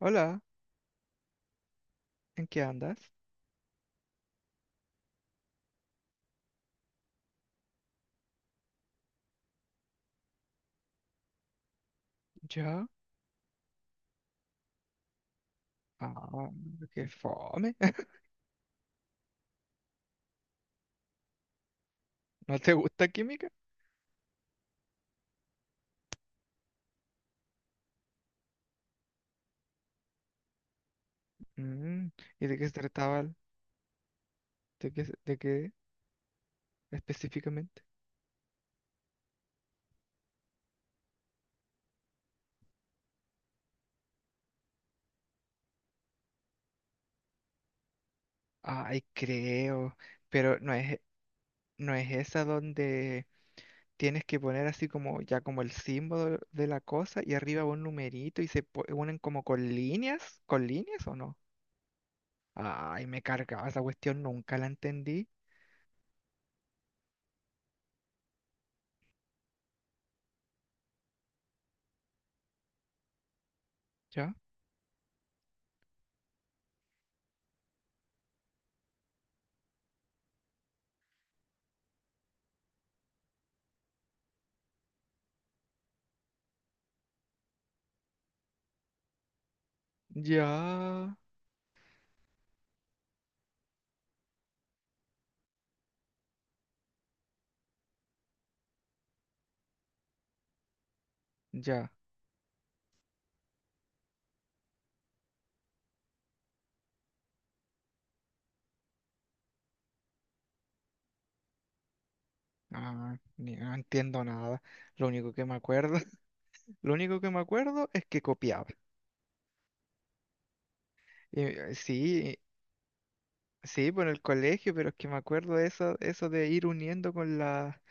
Hola, ¿en qué andas? ¿Yo? Ah, qué fome. ¿No te gusta química? Mm, ¿y de qué se trataba? ¿De qué, de qué específicamente? Ay, creo, pero no es esa donde tienes que poner así como ya como el símbolo de la cosa y arriba un numerito y se unen como ¿con líneas o no? Ay, me cargaba esa cuestión, nunca la entendí. ¿Ya? Ya, ya. Ah, no entiendo nada. Lo único que me acuerdo, lo único que me acuerdo es que copiaba. Eh, sí, Sí, por el colegio, pero es que me acuerdo de eso, eso de ir uniendo con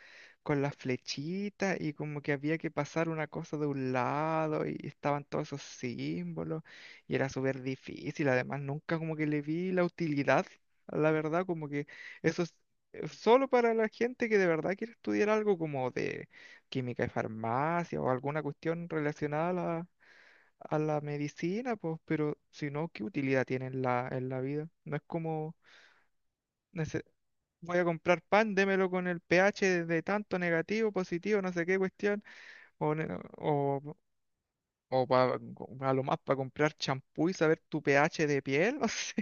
con las flechitas y como que había que pasar una cosa de un lado y estaban todos esos símbolos y era súper difícil. Además, nunca como que le vi la utilidad, la verdad, como que eso es solo para la gente que de verdad quiere estudiar algo como de química y farmacia o alguna cuestión relacionada a a la medicina, pues, pero si no, ¿qué utilidad tiene en en la vida? No es como... Voy a comprar pan, démelo con el pH de tanto negativo, positivo, no sé qué cuestión. O, ne- o, o pa- A lo más para comprar champú y saber tu pH de piel, no sé.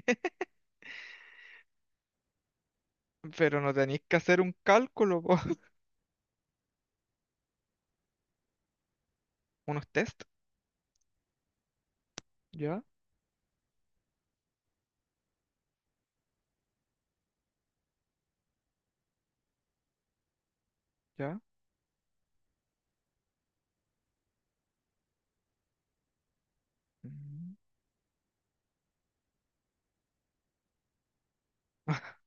Pero no tenéis que hacer un cálculo, po. Unos test. ¿Ya? ¿Ya? Mm.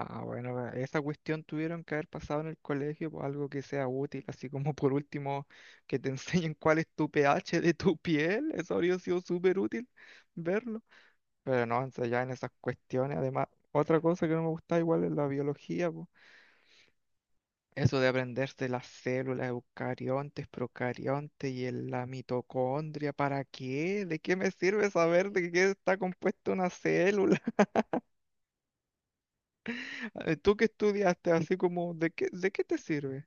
Ah, bueno, va, esa cuestión tuvieron que haber pasado en el colegio, po, algo que sea útil, así como por último que te enseñen cuál es tu pH de tu piel, eso habría sido súper útil verlo. Pero no, entonces ya en esas cuestiones, además, otra cosa que no me gusta igual es la biología, po. Eso de aprenderse las células eucariontes, procariontes y la mitocondria, ¿para qué? ¿De qué me sirve saber de qué está compuesta una célula? Tú que estudiaste así como, de qué te sirve?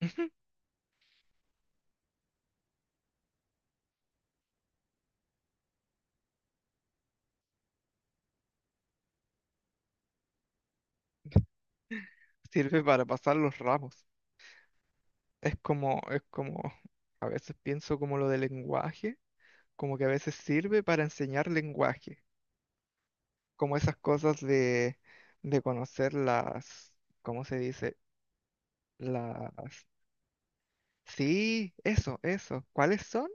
Sirve para pasar los ramos. Es como, a veces pienso como lo del lenguaje, como que a veces sirve para enseñar lenguaje como esas cosas de conocer las, ¿cómo se dice? Las... Sí, eso, eso. ¿Cuáles son?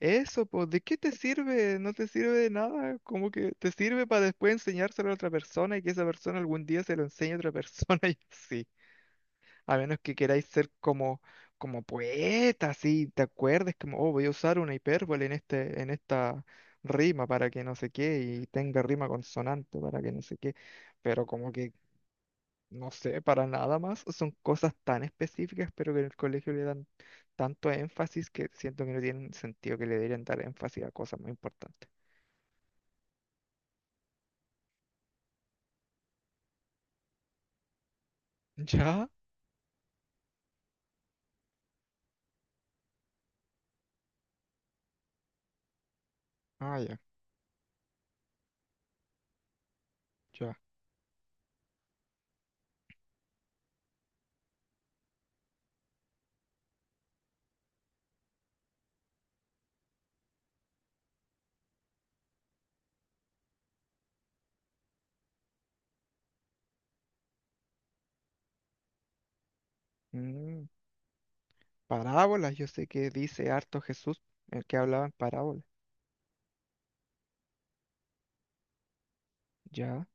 Eso, pues, ¿de qué te sirve? No te sirve de nada. Como que te sirve para después enseñárselo a otra persona y que esa persona algún día se lo enseñe a otra persona y así. A menos que queráis ser como, como poeta, así, te acuerdes, como, oh, voy a usar una hipérbole en en esta rima para que no sé qué y tenga rima consonante para que no sé qué pero como que no sé, para nada más. Son cosas tan específicas, pero que en el colegio le dan tanto énfasis que siento que no tienen sentido que le deberían dar énfasis a cosas muy importantes. ¿Ya? Ah, ya. Mm, parábolas, yo sé que dice harto Jesús, el que hablaba en parábolas. Ya.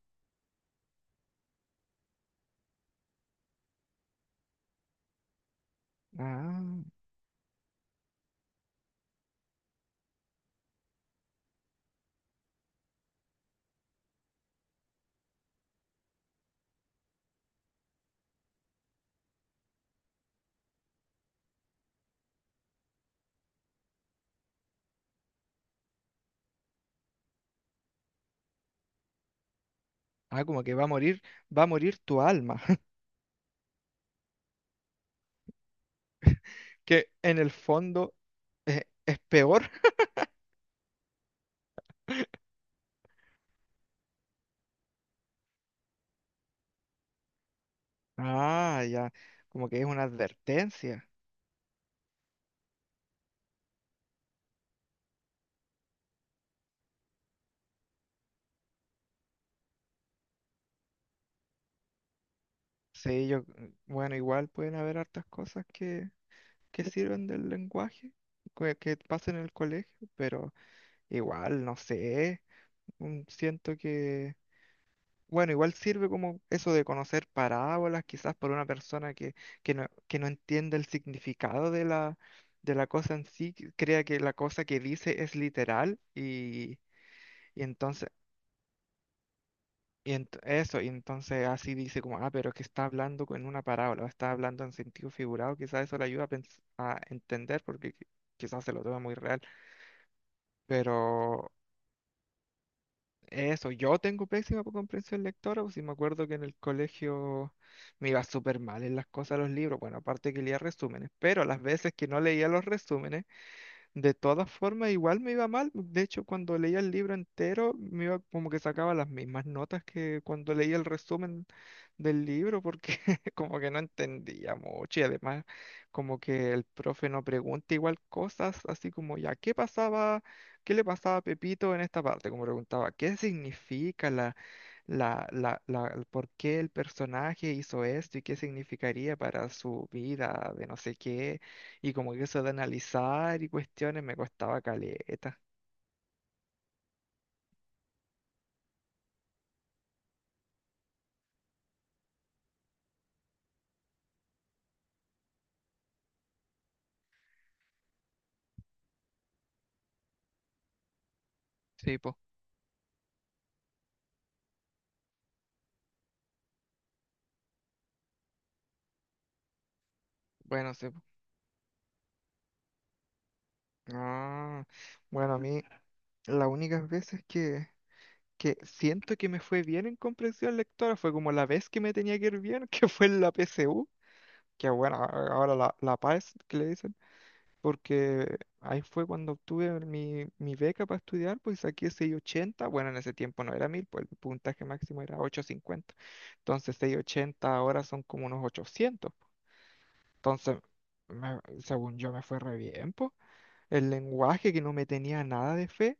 Ah. Ah, como que va a morir tu alma, que en el fondo es peor. Ah, ya. Como que es una advertencia. Sí, yo, mm, bueno, igual pueden haber hartas cosas que sirven del lenguaje que pasa en el colegio, pero igual, no sé, mm, siento que, bueno, igual sirve como eso de conocer parábolas, quizás por una persona que no entiende el significado de de la cosa en sí, que crea que la cosa que dice es literal y entonces... Y eso, y entonces así dice como, ah, pero es que está hablando con una parábola, o está hablando en sentido figurado, quizás eso le ayuda a, a entender porque quizás se lo toma muy real. Pero eso, yo tengo pésima comprensión lectora, pues si me acuerdo que en el colegio me iba súper mal en las cosas de los libros. Bueno, aparte que leía resúmenes, pero las veces que no leía los resúmenes, de todas formas, igual me iba mal. De hecho, cuando leía el libro entero, me iba como que sacaba las mismas notas que cuando leía el resumen del libro, porque como que no entendía mucho y además como que el profe no pregunta igual cosas, así como ya, ¿qué pasaba? ¿Qué le pasaba a Pepito en esta parte? Como preguntaba, ¿qué significa por qué el personaje hizo esto y qué significaría para su vida de no sé qué, y como que eso de analizar y cuestiones me costaba caleta. Sí, pues, bueno, sí, po. Ah, bueno, a mí las únicas veces que siento que me fue bien en comprensión lectora fue como la vez que me tenía que ir bien, que fue en la PSU, que bueno, ahora la PAES que le dicen. Porque ahí fue cuando obtuve mi beca para estudiar, pues saqué 680, bueno, en ese tiempo no era 1000 pues el puntaje máximo era 850, entonces 680 ahora son como unos 800, entonces según yo me fue re bien, po. El lenguaje que no me tenía nada de fe,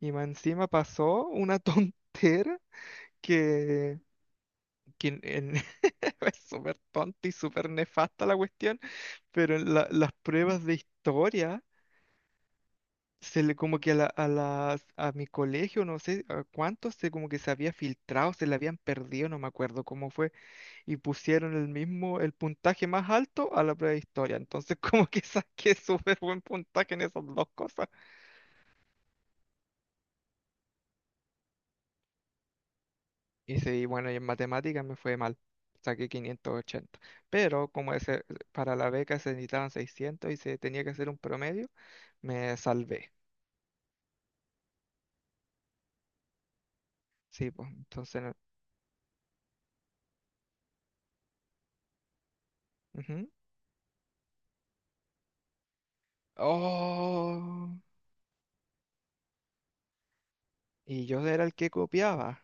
y más encima pasó una tontera que... que en- es súper tonta y súper nefasta la cuestión, pero en las pruebas de historia se le como que a a las a mi colegio, no sé a cuántos, se como que se había filtrado, se le habían perdido, no me acuerdo cómo fue, y pusieron el mismo, el puntaje más alto a la prueba de historia. Entonces como que saqué súper buen puntaje en esas dos cosas. Y sí, bueno, y en matemáticas me fue mal. Saqué 580. Pero como ese, para la beca se necesitaban 600 y se tenía que hacer un promedio, me salvé. Sí, pues entonces... no- ujú. Oh, y yo era el que copiaba.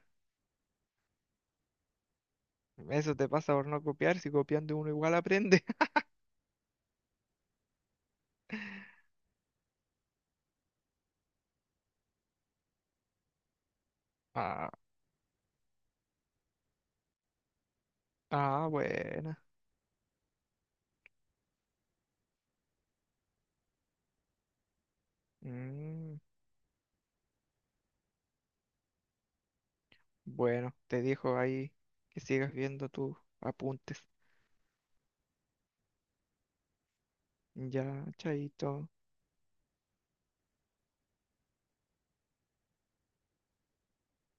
Eso te pasa por no copiar, si copiando uno igual aprende. Ah, buena. Mm, bueno, te dijo ahí que sigas viendo tus apuntes. Ya, chaito.